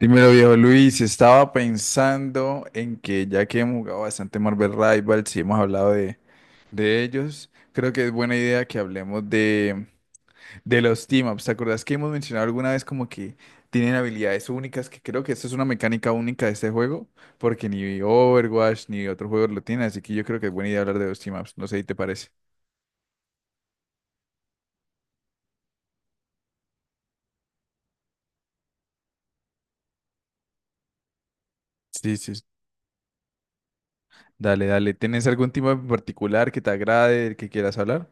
Dímelo, viejo Luis, estaba pensando en que ya que hemos jugado bastante Marvel Rivals y hemos hablado de ellos. Creo que es buena idea que hablemos de los team-ups. ¿Te acordás que hemos mencionado alguna vez como que tienen habilidades únicas? Que creo que esta es una mecánica única de este juego, porque ni Overwatch ni otro juego lo tiene, así que yo creo que es buena idea hablar de los team-ups. No sé si te parece. Sí, sí. Dale, dale. ¿Tienes algún team-up en particular que te agrade, del que quieras hablar?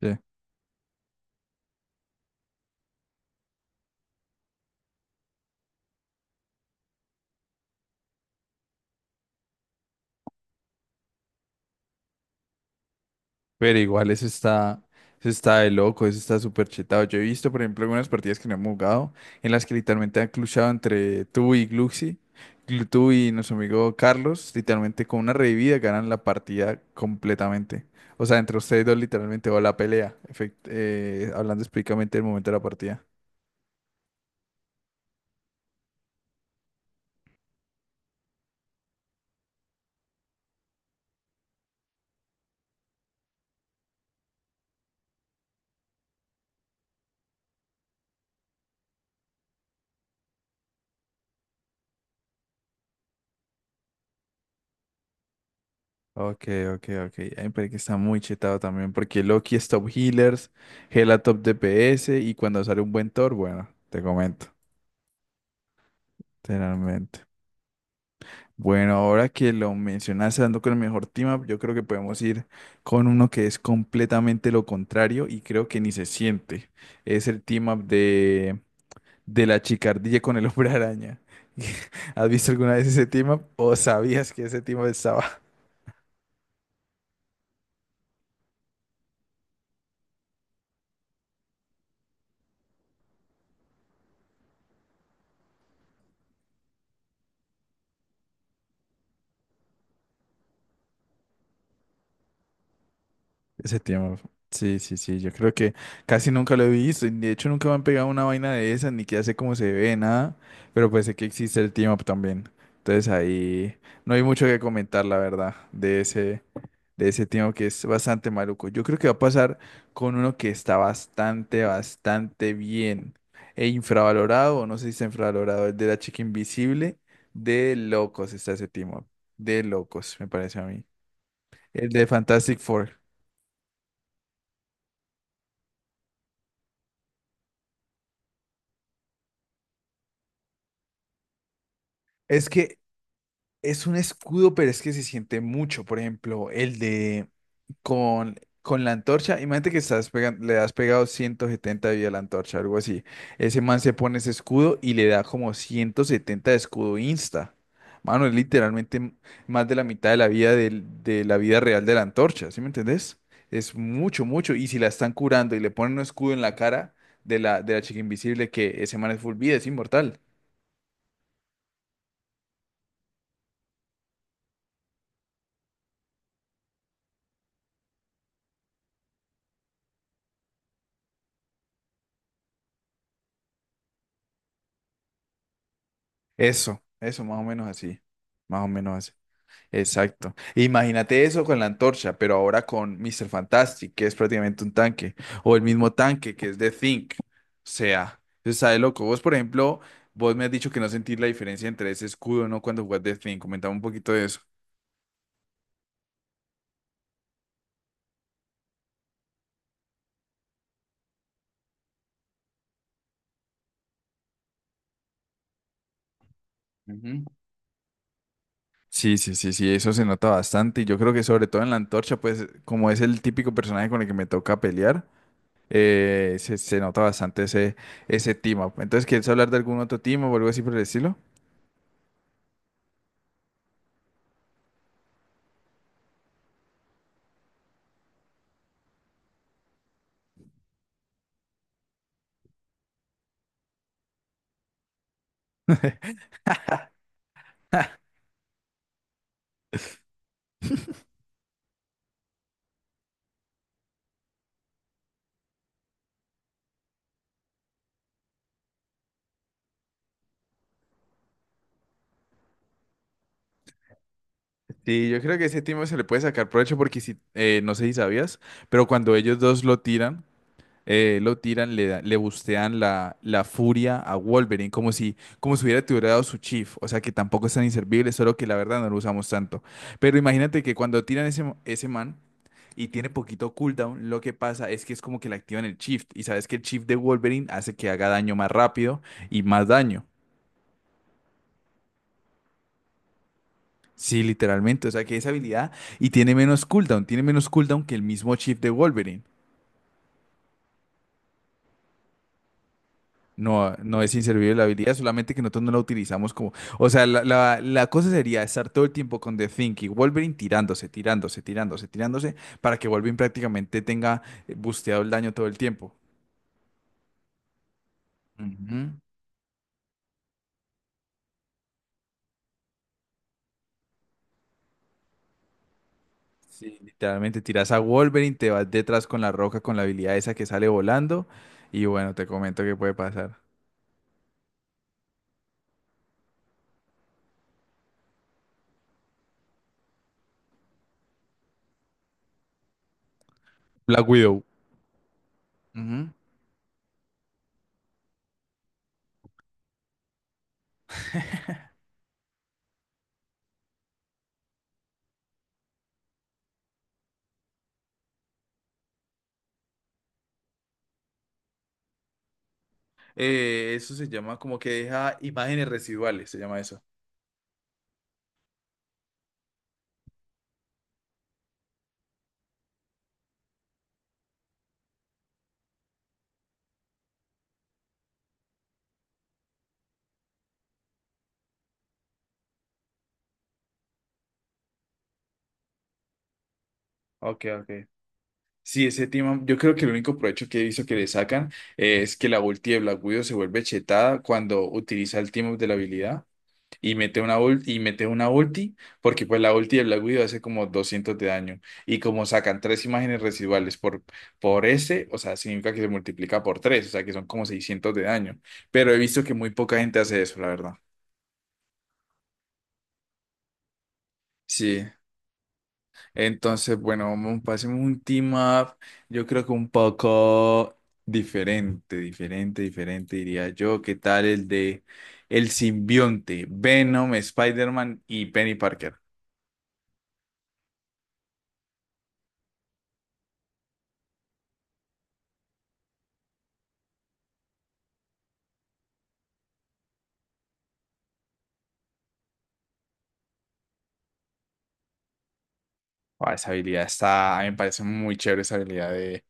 Sí. Pero igual eso está de loco, eso está súper chetado. Yo he visto, por ejemplo, algunas partidas que no hemos jugado en las que literalmente han cluchado entre tú y Gluxy, tú y nuestro amigo Carlos, literalmente con una revivida ganan la partida completamente. O sea, entre ustedes dos literalmente va la pelea, hablando específicamente del momento de la partida. Ok, ok, ok. Ay, pero que está muy chetado también, porque Loki es top healers, Gela top DPS y cuando sale un buen Thor, bueno, te comento, literalmente. Bueno, ahora que lo mencionas dando con el mejor team up, yo creo que podemos ir con uno que es completamente lo contrario y creo que ni se siente. Es el team up de la chicardilla con el hombre araña. ¿Has visto alguna vez ese team up o sabías que ese team up estaba? Ese tema, sí, sí, sí, yo creo que casi nunca lo he visto, y de hecho nunca me han pegado una vaina de esas, ni que ya sé cómo se ve, nada, pero pues sé que existe el team up también. Entonces ahí no hay mucho que comentar, la verdad, de ese team up que es bastante maluco. Yo creo que va a pasar con uno que está bastante, bastante bien e infravalorado, o no sé si está infravalorado, el de la chica invisible. De locos está ese team up, de locos, me parece a mí, el de Fantastic Four. Es que es un escudo, pero es que se siente mucho. Por ejemplo, el de con la antorcha. Imagínate que estás le has pegado 170 de vida a la antorcha, algo así. Ese man se pone ese escudo y le da como 170 de escudo insta. Mano, es literalmente más de la mitad de la vida de la vida real de la antorcha, ¿sí me entendés? Es mucho, mucho. Y si la están curando y le ponen un escudo en la cara de la chica invisible, que ese man es full vida, es inmortal. Eso, más o menos así. Más o menos así. Exacto. Imagínate eso con la antorcha, pero ahora con Mr. Fantastic, que es prácticamente un tanque, o el mismo tanque que es de Think. O sea, eso está de loco. Vos, por ejemplo, vos me has dicho que no sentís la diferencia entre ese escudo, ¿no? Cuando jugás de Think. Comentame un poquito de eso. Ujú. Sí, sí, sí, sí, eso se nota bastante. Y yo creo que sobre todo en la antorcha, pues como es el típico personaje con el que me toca pelear, se nota bastante ese team up. Entonces, ¿quieres hablar de algún otro team up o algo así por el estilo? Sí, yo creo que ese timo se le puede sacar provecho porque si, no sé si sabías, pero cuando ellos dos lo tiran, le bustean la furia a Wolverine, como si hubiera tirado su chief, o sea que tampoco es tan inservible, solo que la verdad no lo usamos tanto. Pero imagínate que cuando tiran ese man y tiene poquito cooldown, lo que pasa es que es como que le activan el shift, y sabes que el shift de Wolverine hace que haga daño más rápido y más daño. Sí, literalmente. O sea, que esa habilidad y tiene menos cooldown que el mismo chip de Wolverine. No, no es inservible la habilidad, solamente que nosotros no la utilizamos como. O sea, la cosa sería estar todo el tiempo con The Think y Wolverine tirándose, tirándose, tirándose, tirándose, para que Wolverine prácticamente tenga busteado el daño todo el tiempo. Ujú. Sí, literalmente tiras a Wolverine, te vas detrás con la roca, con la habilidad esa que sale volando, y bueno, te comento qué puede pasar. Black Widow. Ujú. Eso se llama como que deja imágenes residuales, se llama eso. Ok, ok. Sí, ese tema, yo creo que el único provecho que he visto que le sacan es que la ulti de Black Widow se vuelve chetada cuando utiliza el team up de la habilidad y mete una ulti, y mete una ulti, porque pues la ulti de Black Widow hace como 200 de daño y como sacan tres imágenes residuales por ese, o sea, significa que se multiplica por 3, o sea, que son como 600 de daño, pero he visto que muy poca gente hace eso, la verdad. Sí. Entonces, bueno, vamos, pasemos un team up, yo creo que un poco diferente, diferente, diferente, diría yo. ¿Qué tal el de el simbionte, Venom, Spider-Man y Penny Parker? Ah, esa habilidad está, a mí me parece muy chévere esa habilidad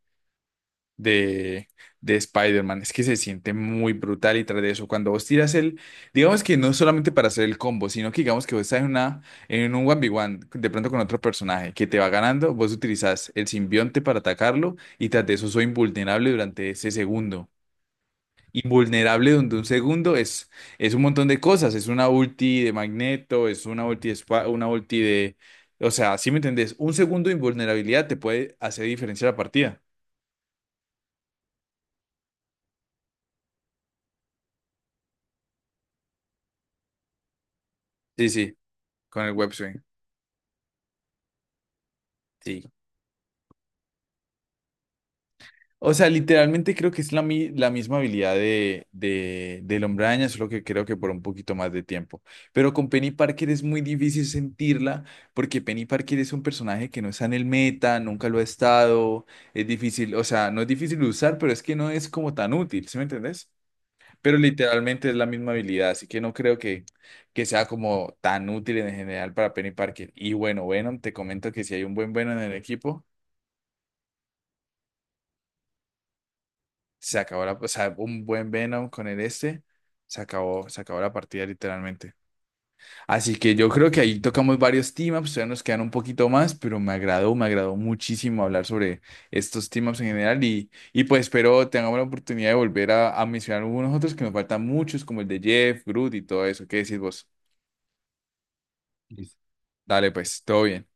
de, de Spider-Man. Es que se siente muy brutal y tras de eso, cuando vos tiras el, digamos que no solamente para hacer el combo, sino que digamos que vos estás en una, en un 1v1, de pronto con otro personaje que te va ganando, vos utilizás el simbionte para atacarlo y tras de eso soy invulnerable durante ese segundo. Invulnerable donde un segundo es un montón de cosas, es una ulti de Magneto, es una ulti de, una ulti de, o sea, ¿si me entendés? Un segundo de invulnerabilidad te puede hacer diferencia la partida. Sí, sí, con el web swing. Sí. O sea, literalmente creo que es la misma habilidad del Hombre Araña, solo que creo que por un poquito más de tiempo. Pero con Penny Parker es muy difícil sentirla, porque Penny Parker es un personaje que no está en el meta, nunca lo ha estado. Es difícil, o sea, no es difícil de usar, pero es que no es como tan útil, ¿sí me entendés? Pero literalmente es la misma habilidad, así que no creo que sea como tan útil en general para Penny Parker. Y bueno, Venom, te comento que si hay un buen Venom en el equipo. Se acabó la, o sea, un buen Venom con el este. Se acabó la partida literalmente. Así que yo creo que ahí tocamos varios team-ups, todavía nos quedan un poquito más, pero me agradó muchísimo hablar sobre estos team-ups en general y pues espero tengamos la oportunidad de volver a mencionar algunos otros que nos faltan muchos, como el de Jeff, Groot y todo eso. ¿Qué decís vos? Listo. Dale, pues, todo bien.